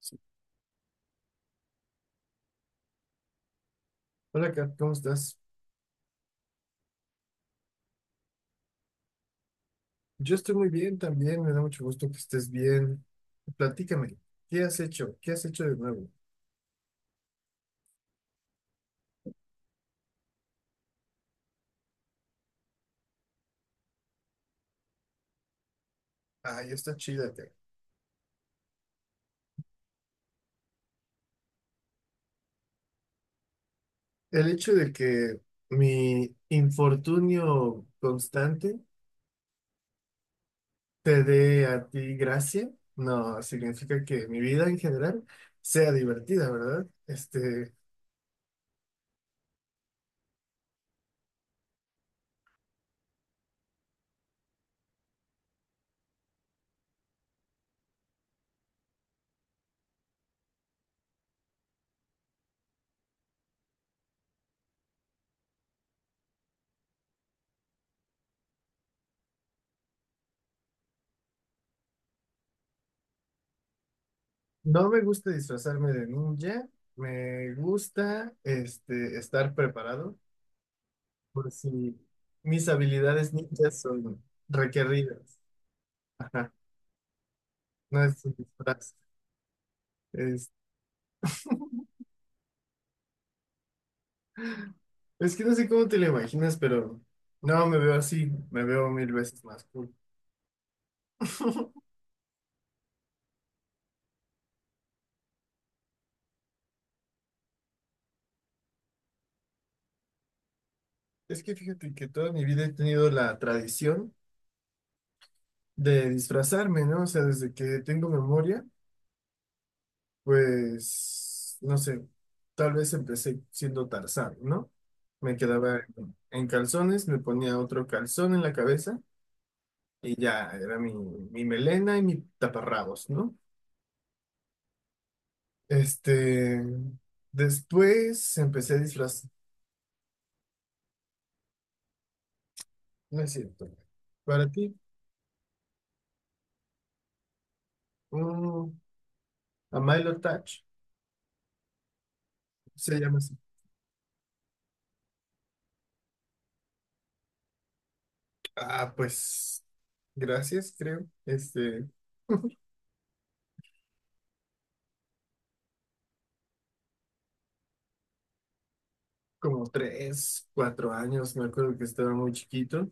Sí. Hola, Kat, ¿cómo estás? Yo estoy muy bien también, me da mucho gusto que estés bien. Platícame, ¿qué has hecho? ¿Qué has hecho de nuevo? Ay, está chida, Kat. El hecho de que mi infortunio constante te dé a ti gracia, no, significa que mi vida en general sea divertida, ¿verdad? No me gusta disfrazarme de ninja, me gusta, estar preparado, por si mis habilidades ninjas son requeridas. Ajá, no es un disfraz. Es, es que no sé cómo te lo imaginas, pero no, me veo así, me veo mil veces más cool. Es que fíjate que toda mi vida he tenido la tradición de disfrazarme, ¿no? O sea, desde que tengo memoria, pues, no sé, tal vez empecé siendo Tarzán, ¿no? Me quedaba en calzones, me ponía otro calzón en la cabeza. Y ya, era mi melena y mis taparrabos, ¿no? Este, Después empecé a disfrazar, no es cierto. Para ti, un a Milo Touch, se llama así. Ah, pues, gracias, creo. Como tres, cuatro años, me acuerdo que estaba muy chiquito.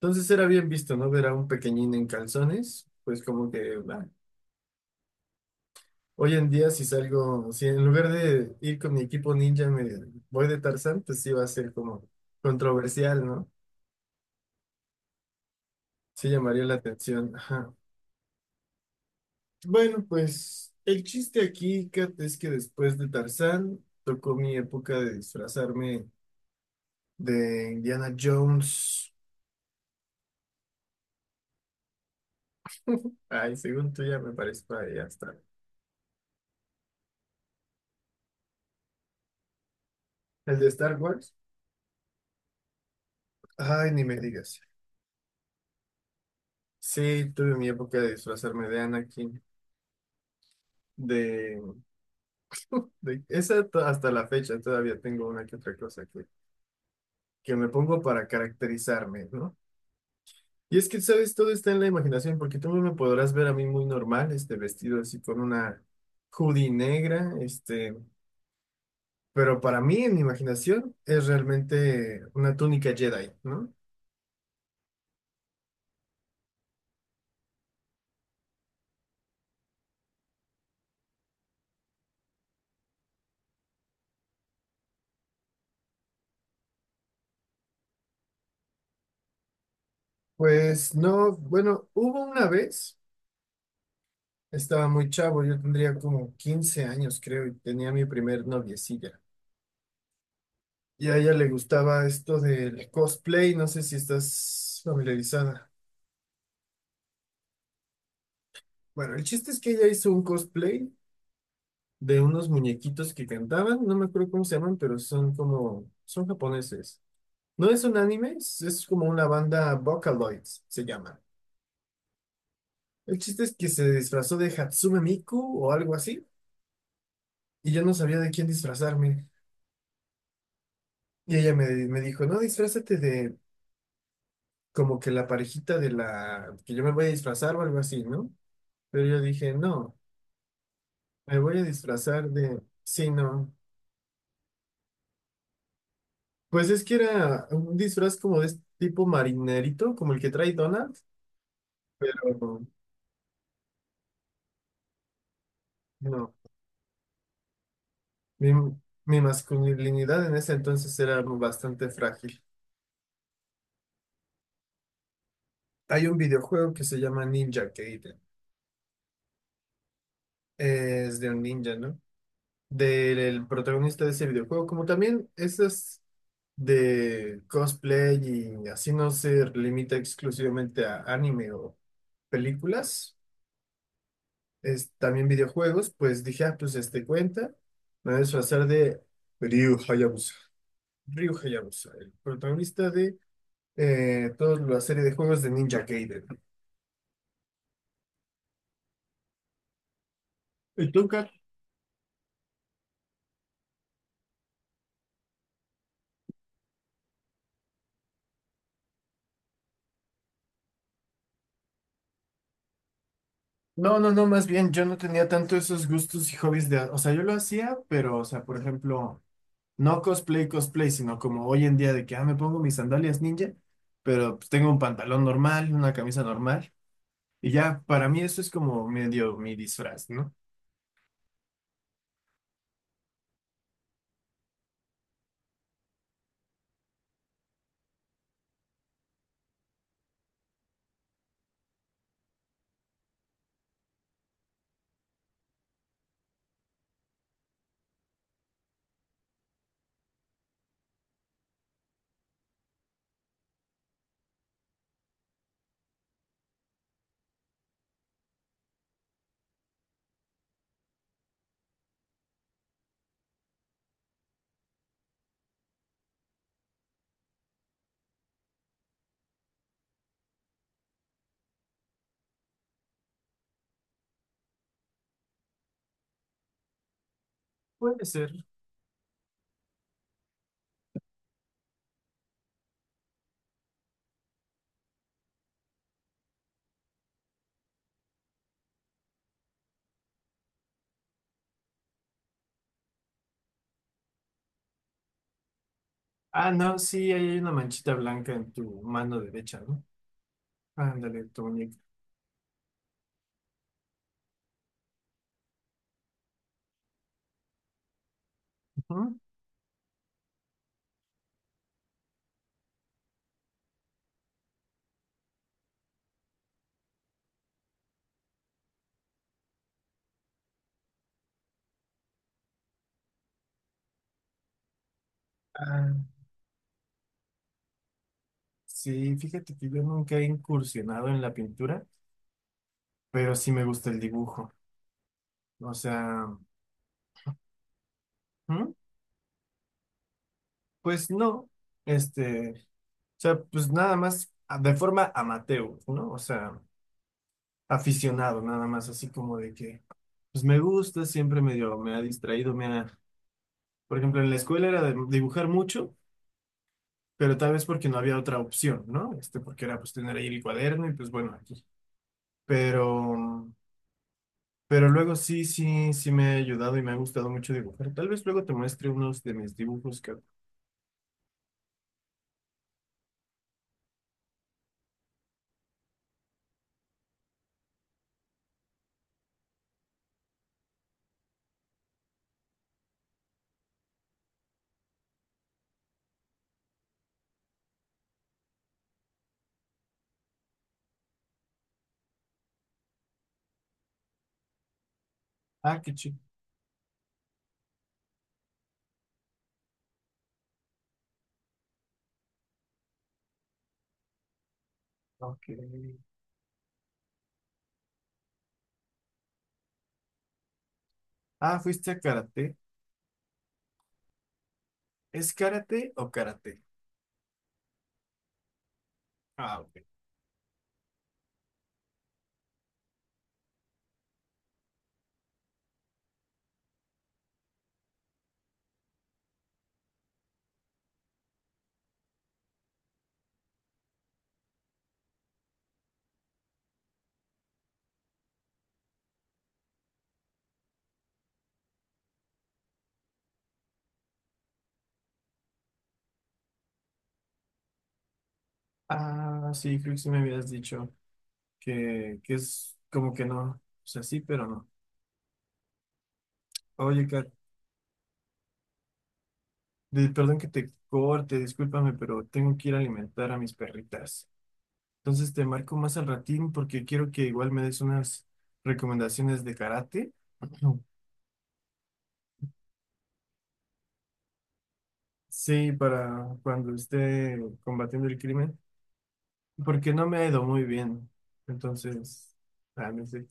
Entonces era bien visto, ¿no? Ver a un pequeñín en calzones, pues como que, ah, hoy en día, si salgo, si en lugar de ir con mi equipo ninja me voy de Tarzán, pues sí va a ser como controversial, ¿no? Sí llamaría la atención. Ajá. Bueno, pues el chiste aquí, Kat, es que después de Tarzán tocó mi época de disfrazarme de Indiana Jones. Ay, según tú ya me parezco ahí hasta. El de Star Wars. Ay, ni me digas. Sí, tuve mi época de disfrazarme de Anakin, de hasta la fecha todavía tengo una que otra cosa que me pongo para caracterizarme, ¿no? Y es que, ¿sabes? Todo está en la imaginación, porque tú me podrás ver a mí muy normal, este vestido así con una hoodie negra, pero para mí en mi imaginación es realmente una túnica Jedi, ¿no? Pues no, bueno, hubo una vez, estaba muy chavo, yo tendría como 15 años, creo, y tenía mi primer noviecilla. Y a ella le gustaba esto del cosplay, no sé si estás familiarizada. Bueno, el chiste es que ella hizo un cosplay de unos muñequitos que cantaban, no me acuerdo cómo se llaman, pero son como, son japoneses. No es un anime, es como una banda Vocaloids, se llama. El chiste es que se disfrazó de Hatsume Miku o algo así, y yo no sabía de quién disfrazarme. Y ella me dijo, no, disfrázate de como que la parejita de la que yo me voy a disfrazar o algo así, ¿no? Pero yo dije, no. Me voy a disfrazar de... Sí, no. Pues es que era un disfraz como de este tipo marinerito, como el que trae Donald, pero no. Mi, Mi masculinidad en ese entonces era bastante frágil. Hay un videojuego que se llama Ninja Gaiden. Es de un ninja, ¿no? Del protagonista de ese videojuego, como también esas de cosplay y así no se limita exclusivamente a anime o películas. Es, también videojuegos, pues dije, ah, pues este cuenta, me voy a disfrazar de Ryu Hayabusa. Ryu Hayabusa, el protagonista de toda la serie de juegos de Ninja Gaiden. ¿Y tú, Kat? No, no, no, más bien yo no tenía tanto esos gustos y hobbies de, o sea, yo lo hacía, pero, o sea, por ejemplo, no cosplay, cosplay, sino como hoy en día de que, ah, me pongo mis sandalias ninja, pero pues tengo un pantalón normal, una camisa normal, y ya, para mí eso es como medio mi disfraz, ¿no? Puede ser. Ah, no, sí, ahí hay una manchita blanca en tu mano derecha, ¿no? Ándale, tu muñeca. Ujú. Ah, sí, fíjate que yo nunca he incursionado en la pintura, pero sí me gusta el dibujo. O sea, ¿mm? Pues no, este, o sea, pues nada más a- de forma amateur, ¿no? O sea, aficionado, nada más así como de que, pues me gusta, siempre medio me ha distraído, me ha, por ejemplo, en la escuela era de dibujar mucho, pero tal vez porque no había otra opción, ¿no? Porque era pues tener ahí el cuaderno y pues bueno, aquí. Pero, pero luego sí, sí me ha ayudado y me ha gustado mucho dibujar. Tal vez luego te muestre unos de mis dibujos que... Ah, qué chido. Ok. Ah, ¿fuiste a karate? ¿Es karate o karate? Ah, ok. Ah, sí, creo que sí me habías dicho que es como que no. O sea, sí, pero no. Oye, Kat, perdón que te corte, discúlpame, pero tengo que ir a alimentar a mis perritas. Entonces te marco más al ratín porque quiero que igual me des unas recomendaciones de karate. Sí, para cuando esté combatiendo el crimen, porque no me ha ido muy bien. Entonces, ah, no sé.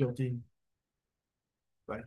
Yo a ti. Bye.